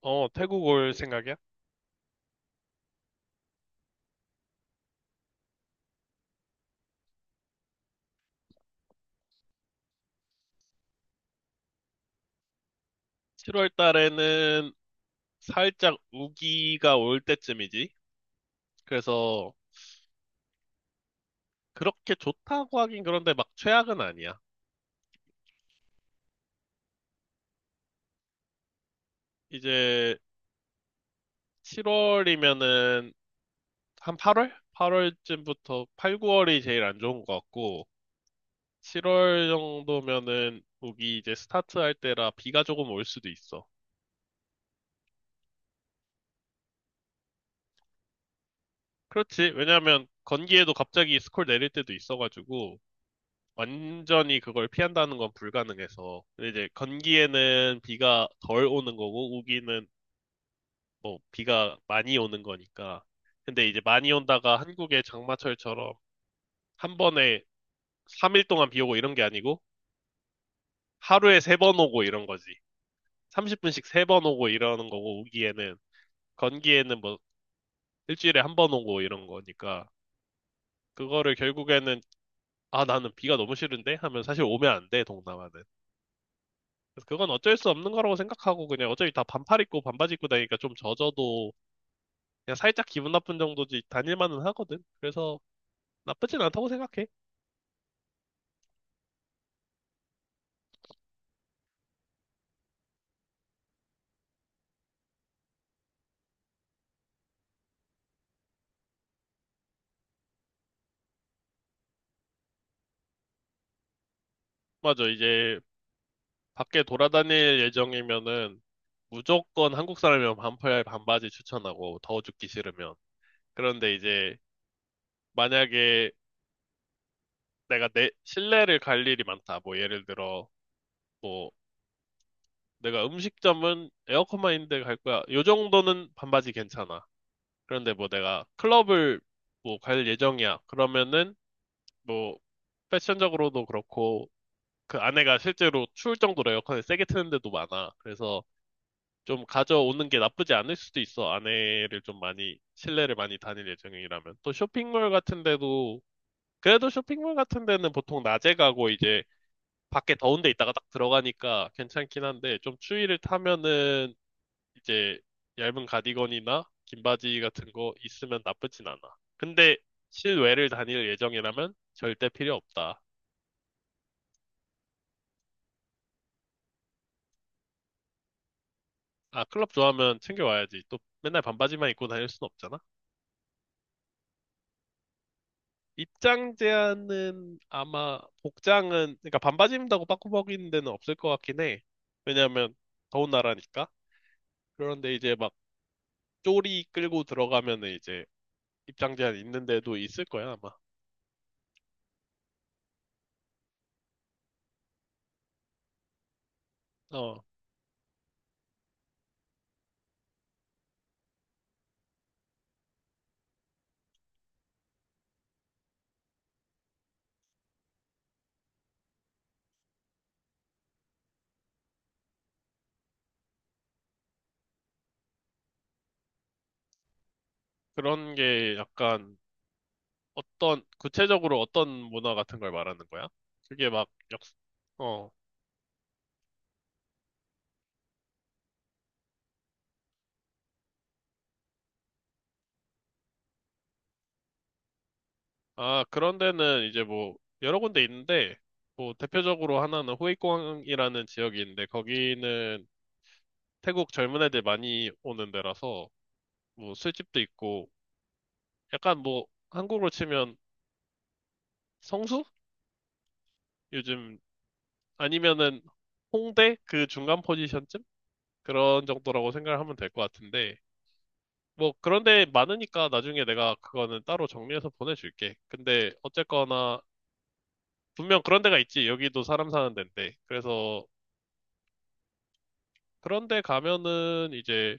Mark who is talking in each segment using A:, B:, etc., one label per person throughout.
A: 어, 태국 올 생각이야? 7월 달에는 살짝 우기가 올 때쯤이지. 그래서 그렇게 좋다고 하긴 그런데 막 최악은 아니야. 이제 7월이면은 한 8월? 8월쯤부터 8, 9월이 제일 안 좋은 것 같고 7월 정도면은 우기 이제 스타트할 때라 비가 조금 올 수도 있어. 그렇지. 왜냐면 건기에도 갑자기 스콜 내릴 때도 있어가지고 완전히 그걸 피한다는 건 불가능해서. 근데 이제 건기에는 비가 덜 오는 거고, 우기는 뭐 비가 많이 오는 거니까. 근데 이제 많이 온다가 한국의 장마철처럼 한 번에 3일 동안 비 오고 이런 게 아니고, 하루에 3번 오고 이런 거지. 30분씩 3번 오고 이러는 거고, 우기에는. 건기에는 뭐 일주일에 한 번 오고 이런 거니까. 그거를 결국에는, 아, 나는 비가 너무 싫은데? 하면 사실 오면 안 돼, 동남아는. 그래서 그건 어쩔 수 없는 거라고 생각하고 그냥 어차피 다 반팔 입고 반바지 입고 다니니까 좀 젖어도 그냥 살짝 기분 나쁜 정도지 다닐만은 하거든. 그래서 나쁘진 않다고 생각해. 맞아. 이제 밖에 돌아다닐 예정이면은 무조건 한국 사람이면 반팔 반바지 추천하고 더워 죽기 싫으면. 그런데 이제 만약에 내가 내 실내를 갈 일이 많다. 뭐 예를 들어 뭐 내가 음식점은 에어컨만 있는데 갈 거야. 요 정도는 반바지 괜찮아. 그런데 뭐 내가 클럽을 뭐 갈 예정이야. 그러면은 뭐 패션적으로도 그렇고 그 아내가 실제로 추울 정도로 에어컨을 세게 트는 데도 많아. 그래서 좀 가져오는 게 나쁘지 않을 수도 있어. 아내를 좀 많이 실내를 많이 다닐 예정이라면. 또 쇼핑몰 같은 데도 그래도 쇼핑몰 같은 데는 보통 낮에 가고 이제 밖에 더운 데 있다가 딱 들어가니까 괜찮긴 한데 좀 추위를 타면은 이제 얇은 가디건이나 긴 바지 같은 거 있으면 나쁘진 않아. 근데 실외를 다닐 예정이라면 절대 필요 없다. 아, 클럽 좋아하면 챙겨와야지. 또 맨날 반바지만 입고 다닐 순 없잖아. 입장 제한은 아마 복장은 그러니까 반바지 입는다고 빠꾸벅이는 데는 없을 것 같긴 해. 왜냐하면 더운 나라니까. 그런데 이제 막 쪼리 끌고 들어가면은 이제 입장 제한 있는 데도 있을 거야, 아마. 어. 그런 게 약간 어떤, 구체적으로 어떤 문화 같은 걸 말하는 거야? 그게 막 역, 어. 아, 그런 데는 이제 뭐, 여러 군데 있는데, 뭐, 대표적으로 하나는 호이공항이라는 지역이 있는데, 거기는 태국 젊은 애들 많이 오는 데라서, 뭐, 술집도 있고, 약간 뭐, 한국으로 치면 성수? 요즘, 아니면은 홍대? 그 중간 포지션쯤? 그런 정도라고 생각을 하면 될 것 같은데, 뭐 그런데 많으니까 나중에 내가 그거는 따로 정리해서 보내줄게. 근데 어쨌거나 분명 그런 데가 있지. 여기도 사람 사는 데인데. 그래서 그런 데 가면은 이제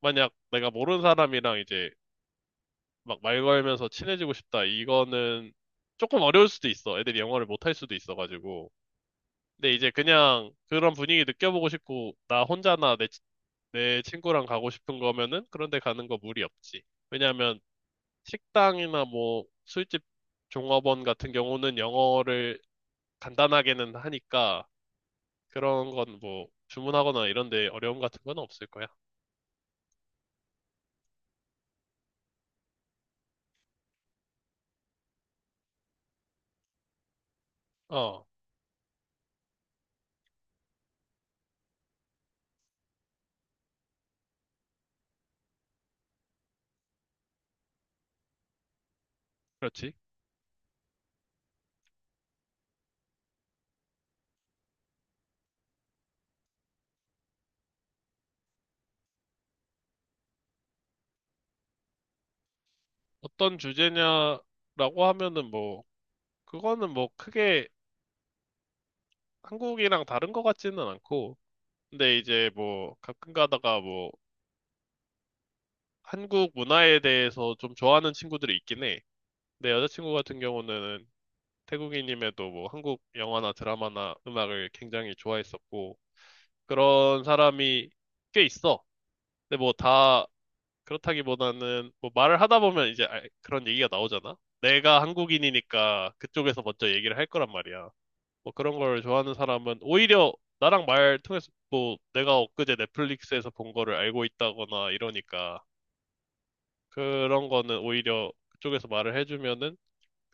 A: 만약 내가 모르는 사람이랑 이제 막 말 걸면서 친해지고 싶다. 이거는 조금 어려울 수도 있어. 애들이 영어를 못 할 수도 있어가지고. 근데 이제 그냥 그런 분위기 느껴보고 싶고 나 혼자나 내 친구랑 가고 싶은 거면은 그런 데 가는 거 무리 없지. 왜냐면 식당이나 뭐 술집 종업원 같은 경우는 영어를 간단하게는 하니까 그런 건 뭐 주문하거나 이런 데 어려움 같은 건 없을 거야. 어, 그렇지. 어떤 주제냐라고 하면은 뭐 그거는 뭐 크게 한국이랑 다른 것 같지는 않고 근데 이제 뭐 가끔 가다가 뭐 한국 문화에 대해서 좀 좋아하는 친구들이 있긴 해. 내 여자친구 같은 경우는 태국인임에도 뭐 한국 영화나 드라마나 음악을 굉장히 좋아했었고 그런 사람이 꽤 있어. 근데 뭐 다 그렇다기보다는 뭐 말을 하다 보면 이제 그런 얘기가 나오잖아. 내가 한국인이니까 그쪽에서 먼저 얘기를 할 거란 말이야. 뭐 그런 걸 좋아하는 사람은 오히려 나랑 말 통해서 뭐 내가 엊그제 넷플릭스에서 본 거를 알고 있다거나 이러니까 그런 거는 오히려 그쪽에서 말을 해주면은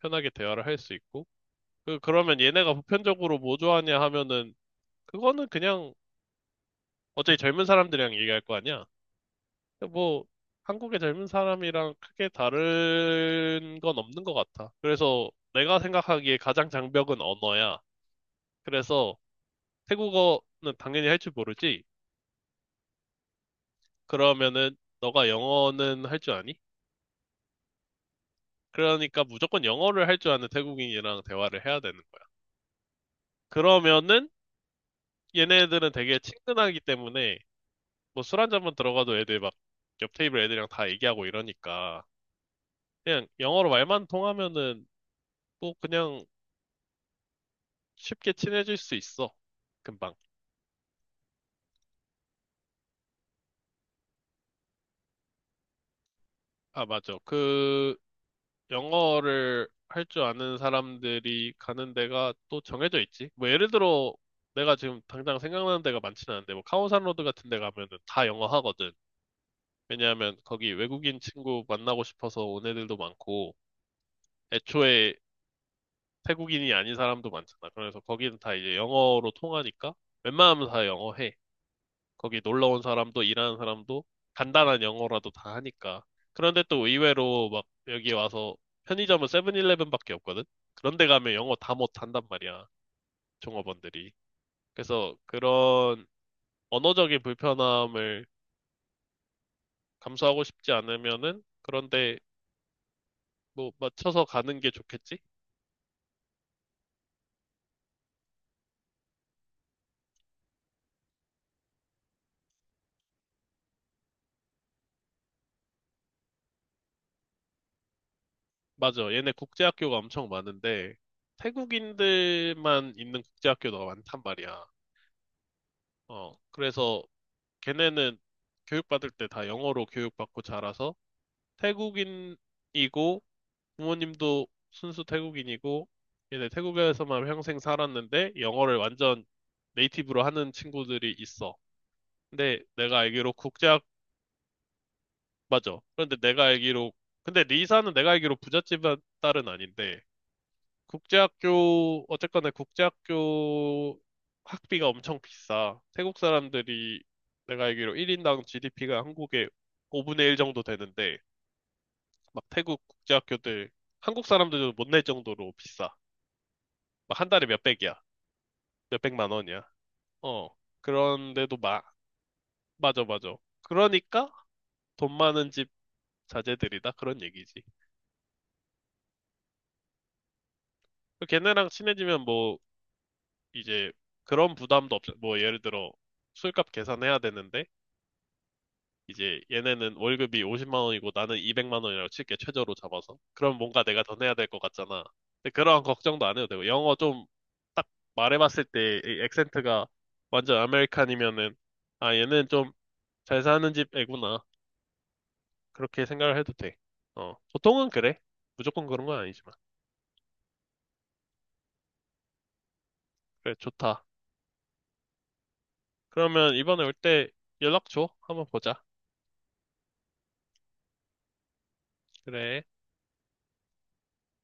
A: 편하게 대화를 할 수 있고 그러면 얘네가 보편적으로 뭐 좋아하냐 하면은 그거는 그냥 어차피 젊은 사람들이랑 얘기할 거 아니야. 뭐 한국의 젊은 사람이랑 크게 다른 건 없는 것 같아. 그래서 내가 생각하기에 가장 장벽은 언어야. 그래서 태국어는 당연히 할 줄 모르지. 그러면은 너가 영어는 할 줄 아니? 그러니까 무조건 영어를 할 줄 아는 태국인이랑 대화를 해야 되는 거야. 그러면은 얘네들은 되게 친근하기 때문에 뭐 술 한잔만 들어가도 애들 막 옆 테이블 애들이랑 다 얘기하고 이러니까 그냥 영어로 말만 통하면은 뭐 그냥 쉽게 친해질 수 있어. 금방. 아, 맞아. 그 영어를 할 줄 아는 사람들이 가는 데가 또 정해져 있지. 뭐 예를 들어 내가 지금 당장 생각나는 데가 많지는 않은데 뭐 카오산 로드 같은 데 가면은 다 영어 하거든. 왜냐하면 거기 외국인 친구 만나고 싶어서 온 애들도 많고 애초에 태국인이 아닌 사람도 많잖아. 그래서 거기는 다 이제 영어로 통하니까 웬만하면 다 영어 해. 거기 놀러 온 사람도 일하는 사람도 간단한 영어라도 다 하니까. 그런데 또 의외로 막 여기 와서 편의점은 세븐일레븐밖에 없거든? 그런데 가면 영어 다 못한단 말이야, 종업원들이. 그래서 그런 언어적인 불편함을 감수하고 싶지 않으면은 그런데 뭐 맞춰서 가는 게 좋겠지? 맞아. 얘네 국제학교가 엄청 많은데 태국인들만 있는 국제학교가 많단 말이야. 어, 그래서 걔네는 교육받을 때 다 영어로 교육받고 자라서 태국인이고 부모님도 순수 태국인이고 얘네 태국에서만 평생 살았는데 영어를 완전 네이티브로 하는 친구들이 있어. 근데 내가 알기로 국제학 맞아. 그런데 내가 알기로 근데 리사는 내가 알기로 부잣집 딸은 아닌데 국제학교, 어쨌거나 국제학교 학비가 엄청 비싸. 태국 사람들이 내가 알기로 1인당 GDP가 한국의 5분의 1 정도 되는데, 막 태국 국제학교들, 한국 사람들도 못 낼 정도로 비싸. 막 한 달에 몇백이야. 몇백만 원이야. 어. 그런데도 마, 맞아, 맞아. 그러니까 돈 많은 집 자제들이다. 그런 얘기지. 걔네랑 친해지면 뭐, 이제 그런 부담도 없어. 뭐, 예를 들어, 술값 계산해야 되는데, 이제 얘네는 월급이 50만 원이고 나는 200만 원이라고 칠게 최저로 잡아서. 그럼 뭔가 내가 더 내야 될 것 같잖아. 근데 그런 걱정도 안 해도 되고 영어 좀 딱 말해봤을 때이 액센트가 완전 아메리칸이면은 아 얘는 좀 잘 사는 집 애구나 그렇게 생각을 해도 돼. 어 보통은 그래. 무조건 그런 건 아니지만 그래 좋다. 그러면 이번에 올 때 연락 줘. 한번 보자. 그래.